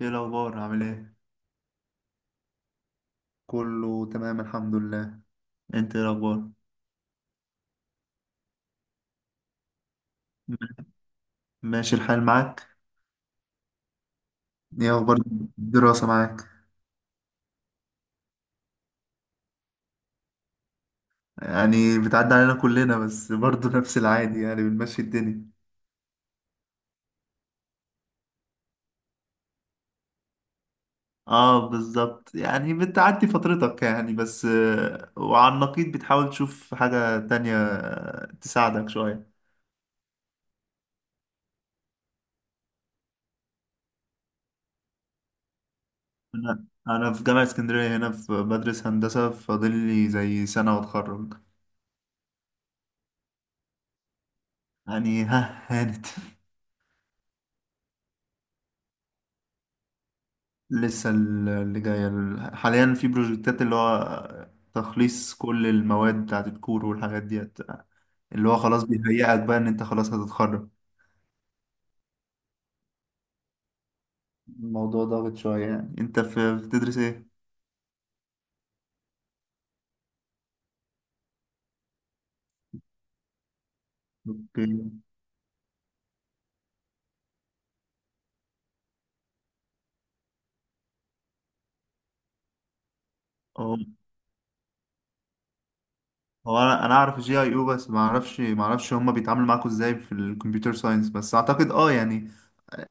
ايه الاخبار عامل ايه؟ كله تمام الحمد لله. انت ايه الاخبار؟ ماشي الحال معاك؟ ايه اخبار الدراسة معاك؟ يعني بتعدي علينا كلنا بس برضه نفس العادي، يعني بنمشي الدنيا. اه بالظبط، يعني بتعدي فترتك يعني، بس وعلى النقيض بتحاول تشوف حاجة تانية، تساعدك شوية. انا في جامعة اسكندرية هنا، في بدرس هندسة، فاضل لي زي سنة واتخرج. يعني ها، هانت. لسه اللي جاية، حاليا في بروجكتات، اللي هو تخليص كل المواد بتاعت الكور والحاجات ديت، اللي هو خلاص بيهيئك بقى ان انت خلاص هتتخرج. الموضوع ضاغط شوية. يعني انت في بتدرس ايه؟ اوكي. هو هو انا اعرف الجي اي او، بس ما اعرفش هما بيتعاملوا معاكوا ازاي في الكمبيوتر ساينس، بس اعتقد اه يعني،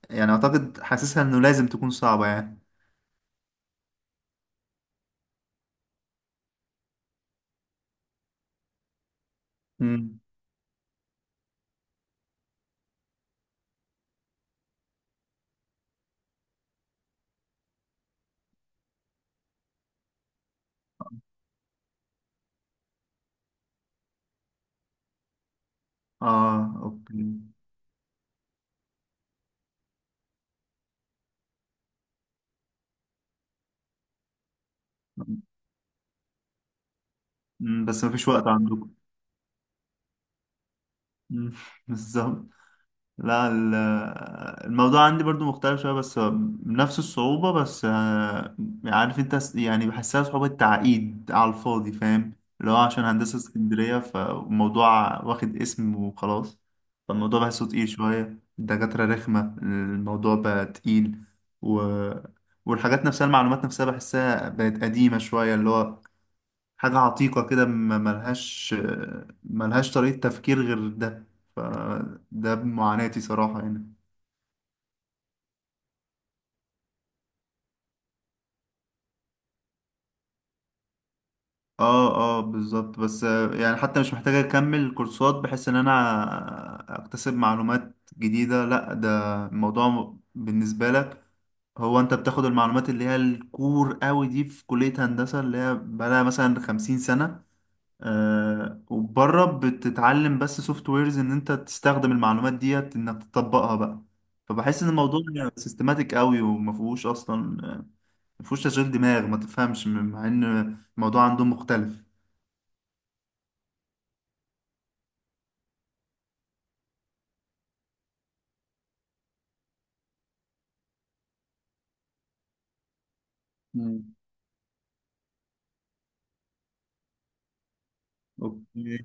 يعني اعتقد حاسسها انه لازم تكون صعبة يعني. امم اه اوكي. بس مفيش وقت عندكم. مم. بالظبط. لا، الموضوع عندي برضو مختلف شوية، بس نفس الصعوبة بس عارف انت يعني بحسها صعوبة تعقيد على الفاضي، فاهم؟ اللي هو عشان هندسة اسكندرية، فالموضوع واخد اسم وخلاص. فالموضوع بحسه تقيل شوية، الدكاترة رخمة، الموضوع بقى تقيل و... والحاجات نفسها المعلومات نفسها بحسها بقت قديمة شوية، اللي هو حاجة عتيقة كده، ملهاش طريقة تفكير غير ده. فده معاناتي صراحة يعني. اه اه بالظبط، بس يعني حتى مش محتاج اكمل كورسات بحيث ان انا اكتسب معلومات جديدة، لا، ده الموضوع بالنسبة لك هو انت بتاخد المعلومات اللي هي الكور قوي دي في كلية هندسة اللي هي بقالها مثلا 50 سنة. آه وبره بتتعلم بس سوفت ويرز ان انت تستخدم المعلومات ديت انك تطبقها بقى. فبحس ان الموضوع سيستماتيك قوي، وما فيهوش اصلا ما فيهوش تشغيل دماغ، ما تفهمش، مع ان الموضوع عندهم مختلف. مم. اوكي.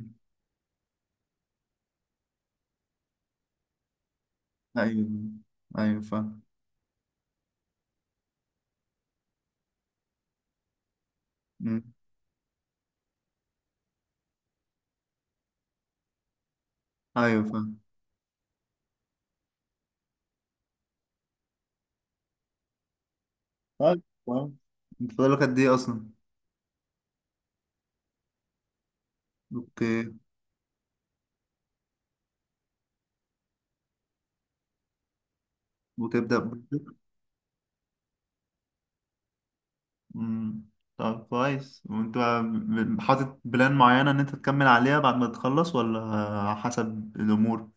ايوه، ايوه فاهم. مم. ايوه فاهم. طيب كويس. انت فاضلك قد ايه اصلا؟ اوكي. وتبدا. مم. طب كويس. وانت حاطط بلان معينة ان انت تكمل عليها بعد ما تخلص، ولا حسب الامور؟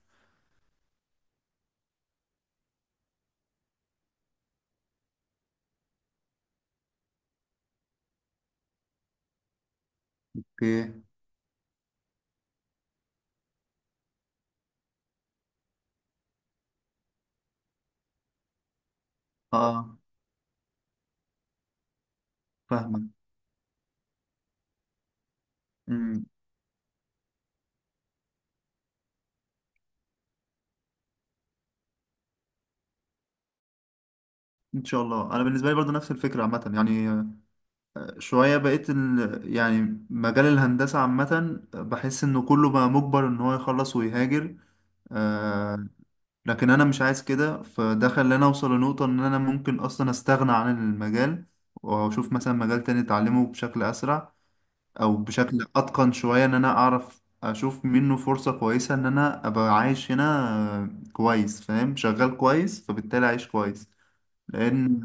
اوكي. اه فاهمك. مم. ان شاء الله. انا بالنسبه لي برضه نفس الفكره عامه يعني. شويه بقيت يعني مجال الهندسه عامه بحس انه كله بقى مجبر ان هو يخلص ويهاجر. آه لكن انا مش عايز كده، فده خلاني اوصل لنقطه ان انا ممكن اصلا استغنى عن المجال، واشوف مثلا مجال تاني اتعلمه بشكل اسرع او بشكل اتقن شوية، ان انا اعرف اشوف منه فرصة كويسة ان انا ابقى عايش هنا كويس، فاهم؟ شغال كويس فبالتالي عايش كويس. لان،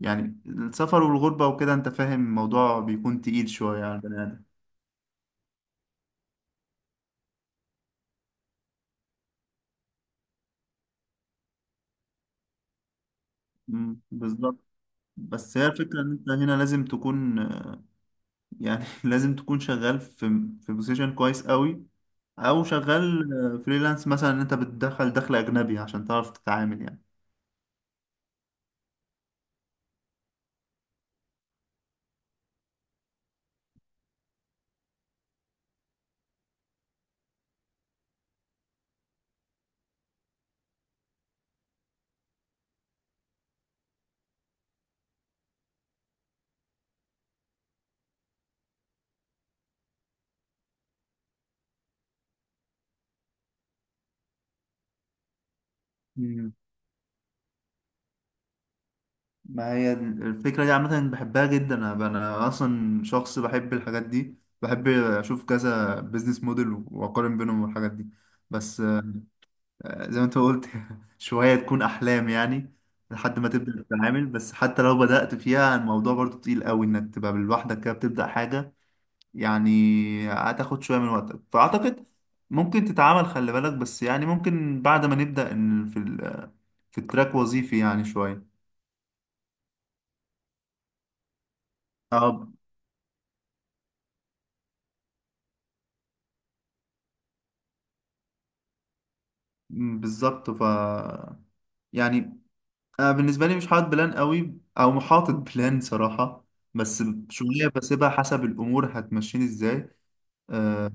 يعني السفر والغربة وكده انت فاهم، الموضوع بيكون تقيل شوية على البني ادم. مم، بالظبط. بس هي الفكرة ان انت هنا لازم تكون، يعني لازم تكون شغال في بوزيشن كويس قوي، او شغال فريلانس مثلا ان انت بتدخل دخل اجنبي عشان تعرف تتعامل. يعني ما هي الفكرة دي عامة بحبها جدا. أنا أصلا شخص بحب الحاجات دي، بحب أشوف كذا بيزنس موديل وأقارن بينهم والحاجات دي، بس زي ما أنت قلت شوية تكون أحلام يعني لحد ما تبدأ تتعامل. بس حتى لو بدأت فيها، الموضوع برضو تقيل قوي إنك تبقى لوحدك كده بتبدأ حاجة يعني، هتاخد شوية من وقتك. فأعتقد ممكن تتعامل، خلي بالك بس، يعني ممكن بعد ما نبدأ إن في في التراك وظيفي يعني شوية. اه. مم، بالظبط. ف يعني انا بالنسبه لي مش حاطط بلان قوي او محاطط بلان صراحه، بس شويه بسيبها حسب الامور هتمشيني ازاي. أه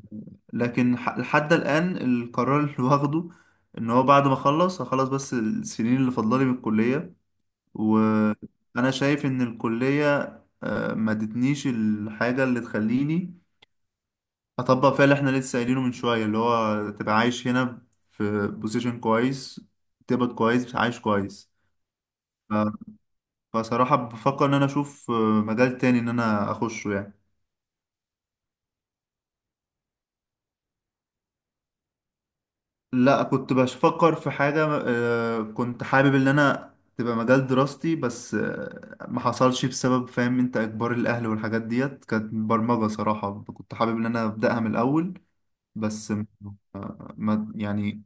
لكن لحد الان القرار اللي واخده ان هو بعد ما اخلص هخلص بس السنين اللي فاضلالي من الكليه، وانا شايف ان الكليه أه ما ادتنيش الحاجه اللي تخليني اطبق فيها اللي احنا لسه قايلينه من شويه، اللي هو تبقى عايش هنا في بوزيشن كويس، تقبض كويس، عايش كويس. ف، فصراحة بفكر إن أنا أشوف مجال تاني إن أنا أخشه يعني. لا كنت بفكر في حاجة، كنت حابب إن أنا تبقى مجال دراستي، بس ما حصلش بسبب فاهم أنت إجبار الأهل والحاجات ديت. كانت برمجة صراحة، كنت حابب إن أنا أبدأها من الأول، بس ما، يعني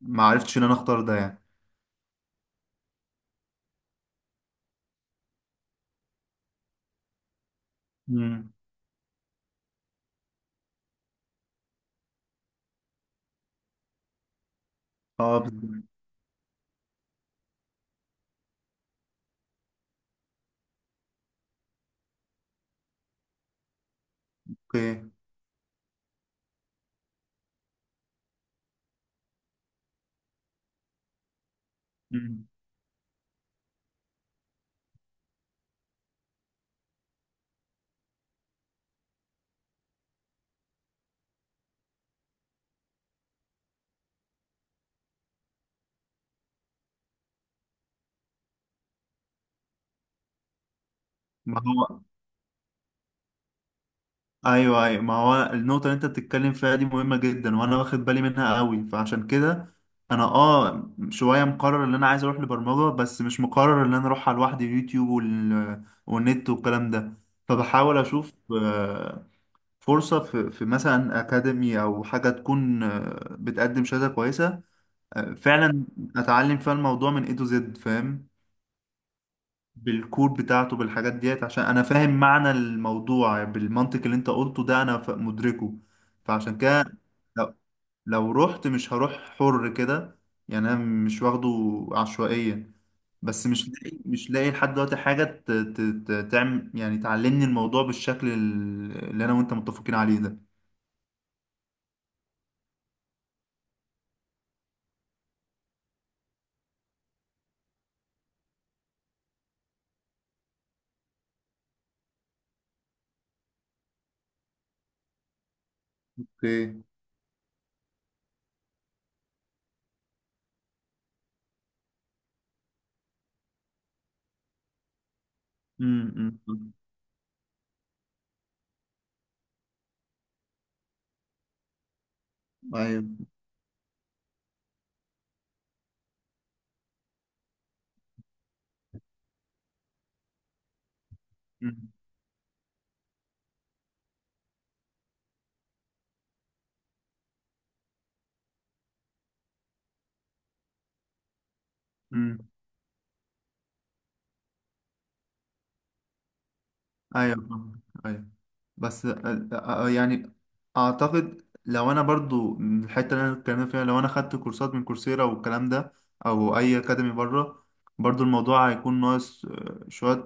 ما عرفتش إن أنا أختار ده يعني. مم. اه بالظبط. اوكي. مم. ما هو، ايوه ايوه ما هو النقطه اللي انت بتتكلم فيها دي مهمه جدا، وانا واخد بالي منها قوي، فعشان كده انا اه شويه مقرر ان انا عايز اروح لبرمجه، بس مش مقرر ان انا اروح على لوحدي يوتيوب والنت والكلام ده. فبحاول اشوف فرصه في, في مثلا اكاديمي او حاجه تكون بتقدم شهاده كويسه. فعلا اتعلم فيها الموضوع من اي تو زد، فاهم؟ بالكود بتاعته بالحاجات ديت، عشان انا فاهم معنى الموضوع بالمنطق اللي انت قلته ده، انا مدركه. فعشان كده، لو، لو رحت مش هروح حر كده، يعني انا مش واخده عشوائيا، بس مش لاقي لحد دلوقتي حاجة تعمل، يعني تعلمني الموضوع بالشكل اللي انا وانت متفقين عليه ده. اوكي. امم. أمم. ايوه. امم. أمم. ايوه فاهم. ايوه. بس يعني اعتقد لو انا برضو من الحته اللي انا اتكلمنا فيها، لو انا خدت كورسات من كورسيرا والكلام ده او اي اكاديمي بره، برضو الموضوع هيكون ناقص شويه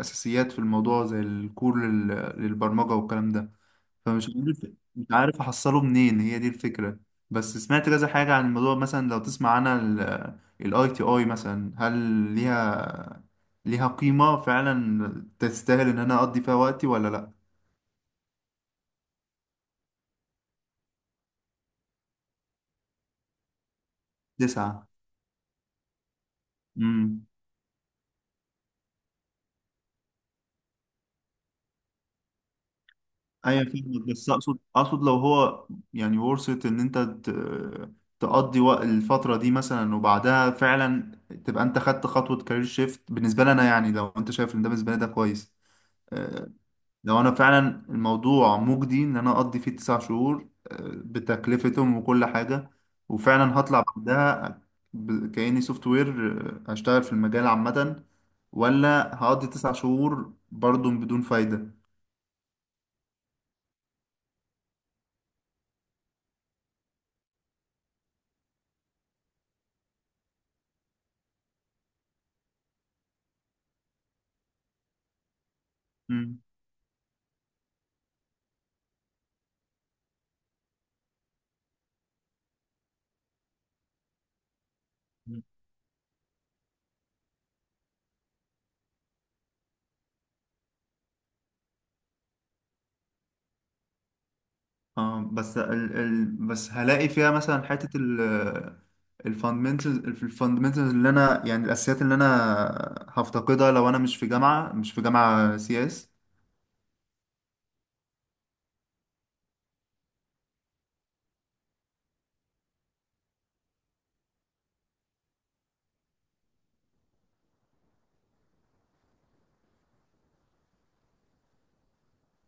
اساسيات في الموضوع، زي الكور للبرمجه والكلام ده. فمش عارف مش عارف احصله منين، هي دي الفكرة. بس سمعت كذا حاجة عن الموضوع، مثلا لو تسمع عنها، الاي تي اي مثلا، هل ليها ليها قيمة فعلا تستاهل ان انا اقضي فيها وقتي ولا لا؟ تسعة. امم. ايوه فاهمك، بس اقصد لو هو يعني ورثة ان انت تقضي وقت الفترة دي مثلا وبعدها فعلا تبقى انت خدت خطوة كارير شيفت بالنسبة لنا، يعني لو انت شايف ان ده بالنسبة لي ده كويس. آه، لو انا فعلا الموضوع مجدي ان انا اقضي فيه 9 شهور، بتكلفتهم وكل حاجة، وفعلا هطلع بعدها كأني سوفت وير، هشتغل في المجال عامة، ولا هقضي 9 شهور برضو بدون فايدة؟ مم. اه بس ال بس هلاقي فيها مثلا حتة الفاندمنتالز، اللي انا يعني الاساسيات اللي انا هفتقدها لو انا مش في جامعة سي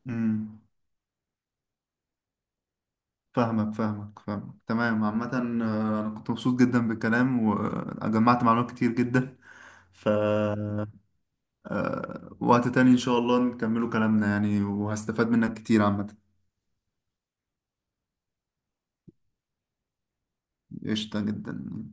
اس. فاهمك تمام. عامة أنا كنت مبسوط جدا بالكلام، وجمعت معلومات كتير جدا. ف وقت تاني إن شاء الله نكملوا كلامنا يعني، وهستفاد منك كتير عامة. قشطة جدا.